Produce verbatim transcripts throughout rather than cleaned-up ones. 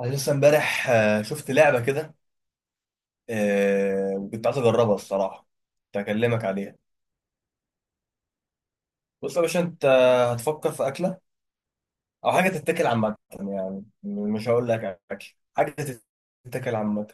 انا لسه امبارح، آه، شفت لعبه كده. آه، وكنت عايز اجربها الصراحه. كنت هكلمك عليها. بص يا باشا، انت هتفكر في اكله او حاجه تتاكل عامه، يعني مش هقول لك اكل حاجه تتاكل عامه.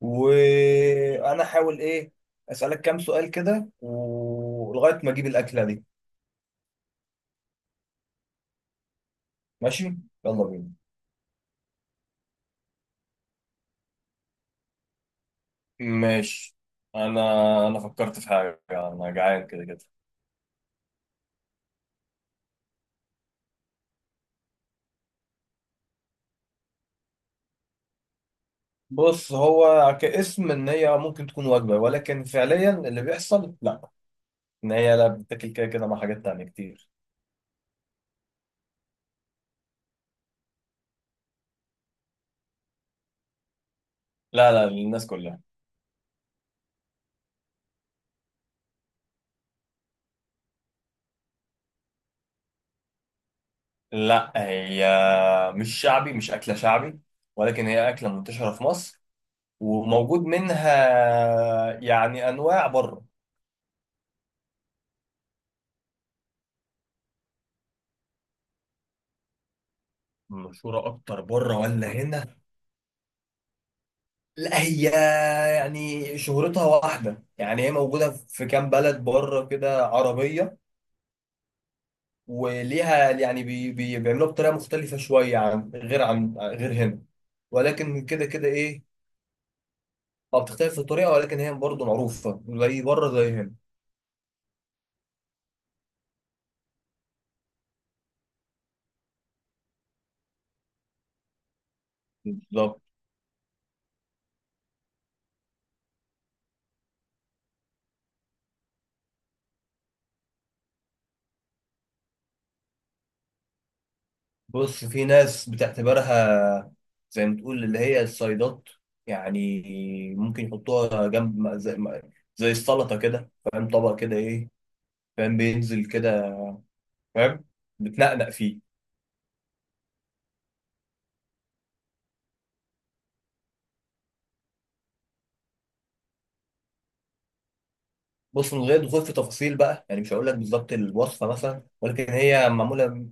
وانا هحاول ايه، اسالك كام سؤال كده ولغايه ما اجيب الاكله دي. ماشي، يلا بينا. ماشي. انا انا فكرت في حاجه، انا جعان كده كده. بص، هو كاسم ان هي ممكن تكون وجبه، ولكن فعليا اللي بيحصل لا. ان هي لا بتاكل كده كده مع حاجات تانية كتير. لا لا، للناس كلها. لا هي، مش شعبي، مش اكله شعبي، ولكن هي اكله منتشره في مصر. وموجود منها يعني انواع بره. مشهوره اكتر بره ولا هنا؟ لا هي، يعني شهرتها واحده، يعني هي موجوده في كام بلد بره كده عربيه. وليها يعني بي بي- بيعملوها بطريقه مختلفه شويه عن غير عن غير هنا. ولكن كده كده ايه، ما بتختلف في الطريقه، ولكن هي برضه معروفه زي بره زي هنا. بالظبط. بص، في ناس بتعتبرها زي ما تقول اللي هي الصيدات، يعني ممكن يحطوها جنب م- زي, م- زي السلطه كده، فاهم؟ طبق كده ايه، فاهم؟ بينزل كده، فاهم. بتنقنق فيه. بص، من غير دخول في تفاصيل بقى، يعني مش هقول لك بالظبط الوصفه مثلا، ولكن هي معموله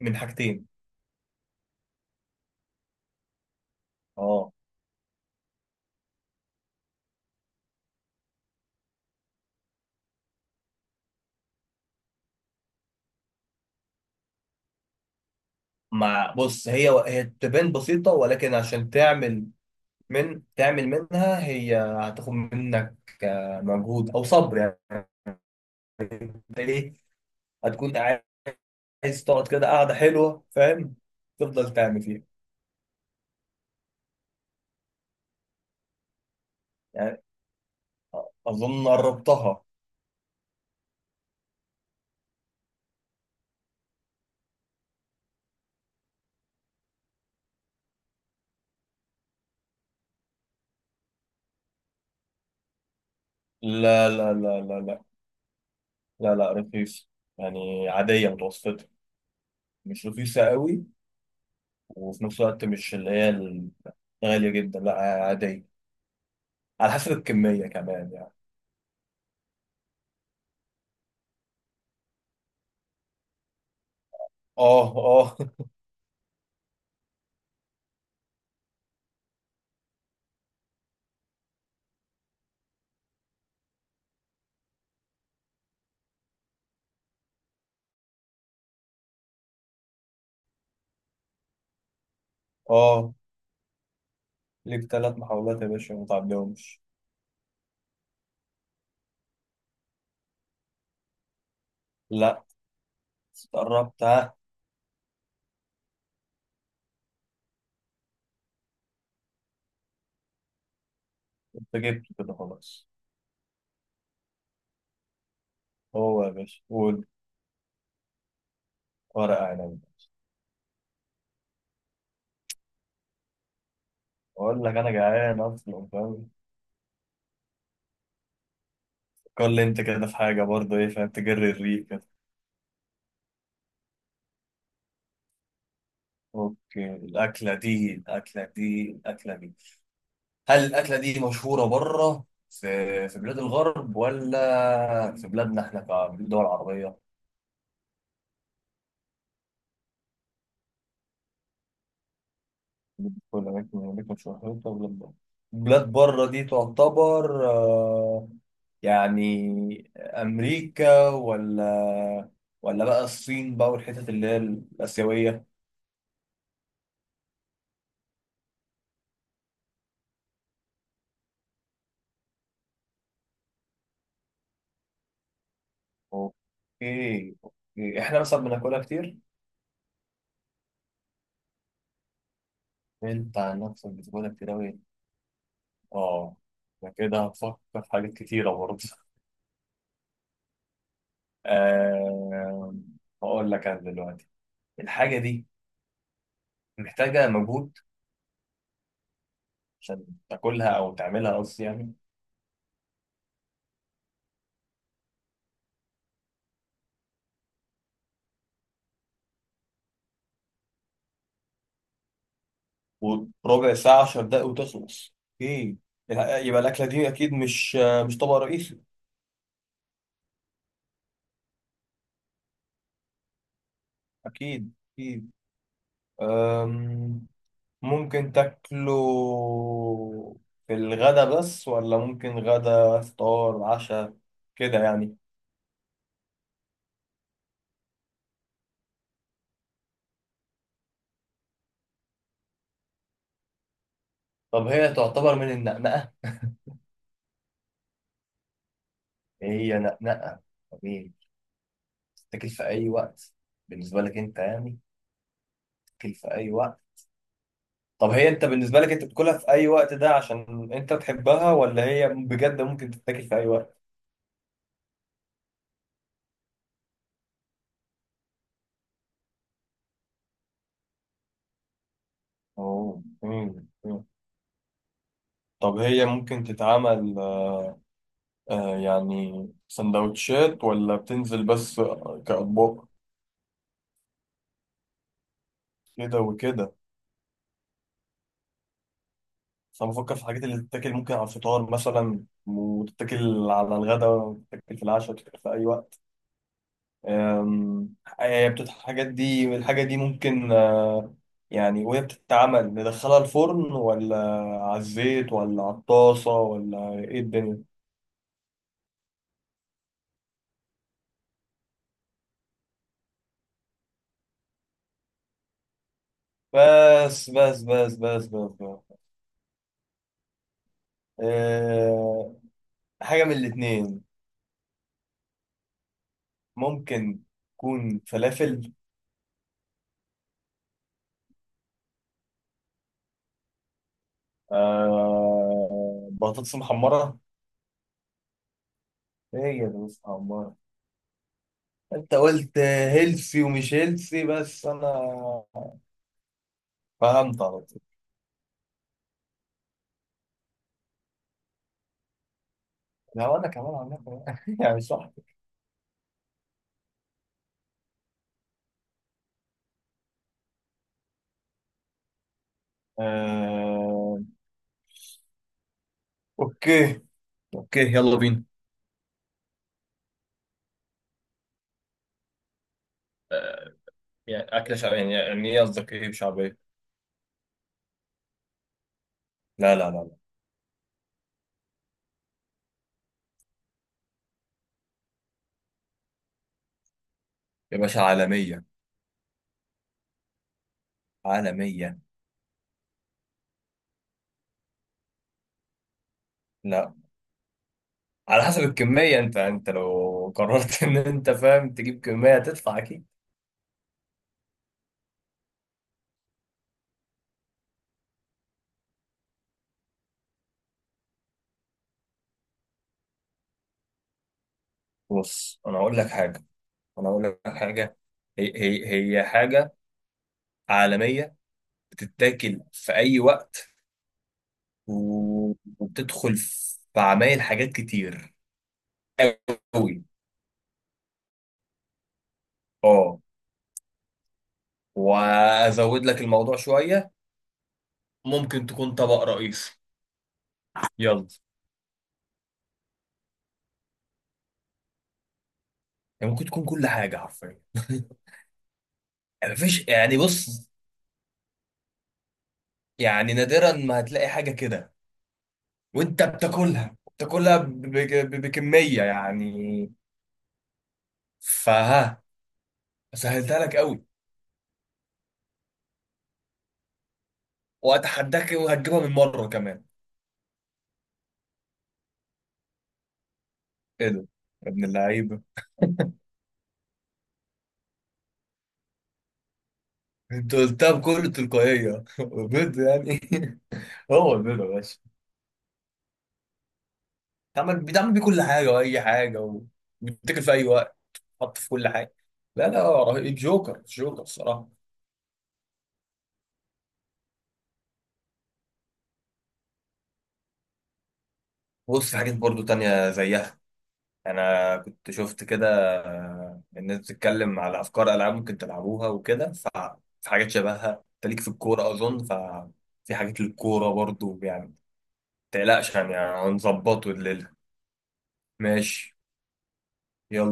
من حاجتين. اه. مع بص، هي هي تبان بسيطة، ولكن عشان تعمل من تعمل منها، هي هتاخد منك آه، مجهود او صبر يعني. انت ايه، هتكون عايز تقعد كده قاعدة حلوة، فاهم، تفضل تعمل فيها. يعني اظن قربتها. لا لا لا لا لا، لا لا، رخيص يعني، عادية متوسطة. مش رخيصة قوي، وفي نفس الوقت مش اللي هي الغالية جدا، لا عادية. على حسب الكمية كمان يعني. اه اه اه، ليك ثلاث محاولات يا باشا، ما تعديهمش. لا. قربت ها. انت جبته كده خلاص. هو يا باشا قول. ورقة عنب. اقول لك انا جعان اصلا، فاهم. قول لي، انت كده في حاجة برضه ايه، فاهم، تجري الريق كده. اوكي، الاكلة دي الاكلة دي الاكلة دي، هل الاكلة دي مشهورة بره في في بلاد الغرب، ولا في بلادنا احنا كدول عربية؟ في الأماكن، الأماكن شهرتها بلاد بره. بلاد بره دي تعتبر آه، يعني أمريكا، ولا ولا بقى الصين بقى، والحتت اللي هي الآسيوية. أوكي أوكي، إحنا مثلا بناكلها كتير. أنت عن نفسك بتاكلها كتير أوي. آه، أنا كده هفكر في حاجات كتيرة برضه. آه، هقول لك أنا دلوقتي الحاجة دي محتاجة مجهود عشان تاكلها أو تعملها قصدي يعني. وربع ساعة عشرة دقايق وتخلص. ايه، يبقى الأكلة دي أكيد مش، مش طبق رئيسي. أكيد أكيد. أم، ممكن تاكله في الغدا بس، ولا ممكن غدا فطار عشاء كده يعني؟ طب هي تعتبر من النقنقة؟ هي نقنقة طبيعي، تاكل في أي وقت. بالنسبة لك أنت يعني، تاكل في أي وقت. طب هي، أنت بالنسبة لك أنت بتاكلها في أي وقت ده عشان أنت تحبها، ولا هي بجد ممكن تتاكل في أي وقت؟ أوه. مم. مم. طب هي ممكن تتعمل آه يعني سندوتشات، ولا بتنزل بس كأطباق؟ كده وكده، بس أنا بفكر في الحاجات اللي تتاكل ممكن على الفطار مثلا، وتتاكل على الغداء، وتتاكل في العشاء، وتتاكل في أي وقت. آم، آه، بتت- الحاجات دي الحاجة دي ممكن آه يعني، وهي بتتعمل ندخلها الفرن، ولا على الزيت، ولا على الطاسة، ولا إيه الدنيا؟ بس بس بس بس بس، بس. آه، حاجة من الاتنين. ممكن تكون فلافل. آه، بطاطس محمرة. هي بطاطس محمرة. انت قلت هيلثي ومش هيلثي، بس انا فهمت على طول. لو انا كمان عملت يعني صح. آه اوكي اوكي، يلا بينا. آه يعني اكلة شعبية، يعني يعني ايه قصدك ايه بشعبية؟ لا لا لا لا. يا باشا عالمية. عالمية. لا، على حسب الكمية، انت انت لو قررت ان انت فاهم تجيب كمية هتدفع اكيد. بص، انا اقول لك حاجه انا اقول لك حاجه هي هي هي حاجه عالميه، بتتاكل في اي وقت، و- وبتدخل في عمايل حاجات كتير قوي. اه، وازود لك الموضوع شويه. ممكن تكون طبق رئيسي. يلا. يعني ممكن تكون كل حاجه حرفيا. مفيش، يعني بص، يعني نادرا ما هتلاقي حاجه كده، وانت بتاكلها بتاكلها ب- ب- بكميه يعني، فها. سهلتها لك قوي، واتحداك وهتجيبها بالمره كمان. ايه ده يا ابن اللعيبه. انت قلتها بكل تلقائيه بجد يعني. هو البيض يا باشا. بيتعمل بيتعمل بيه كل حاجه واي حاجه، و- وبيتاكل في اي وقت. حط في كل حاجه. لا لا، رهيب، جوكر، جوكر الصراحه. بص، في حاجات برضو تانية زيها، أنا كنت شفت كده. آه، الناس بتتكلم على أفكار ألعاب ممكن تلعبوها وكده، ففي حاجات شبهها. أنت ليك في الكورة أظن، ففي حاجات للكورة برضو يعني. متقلقش، يعني هنظبطه. ماشي، يلا.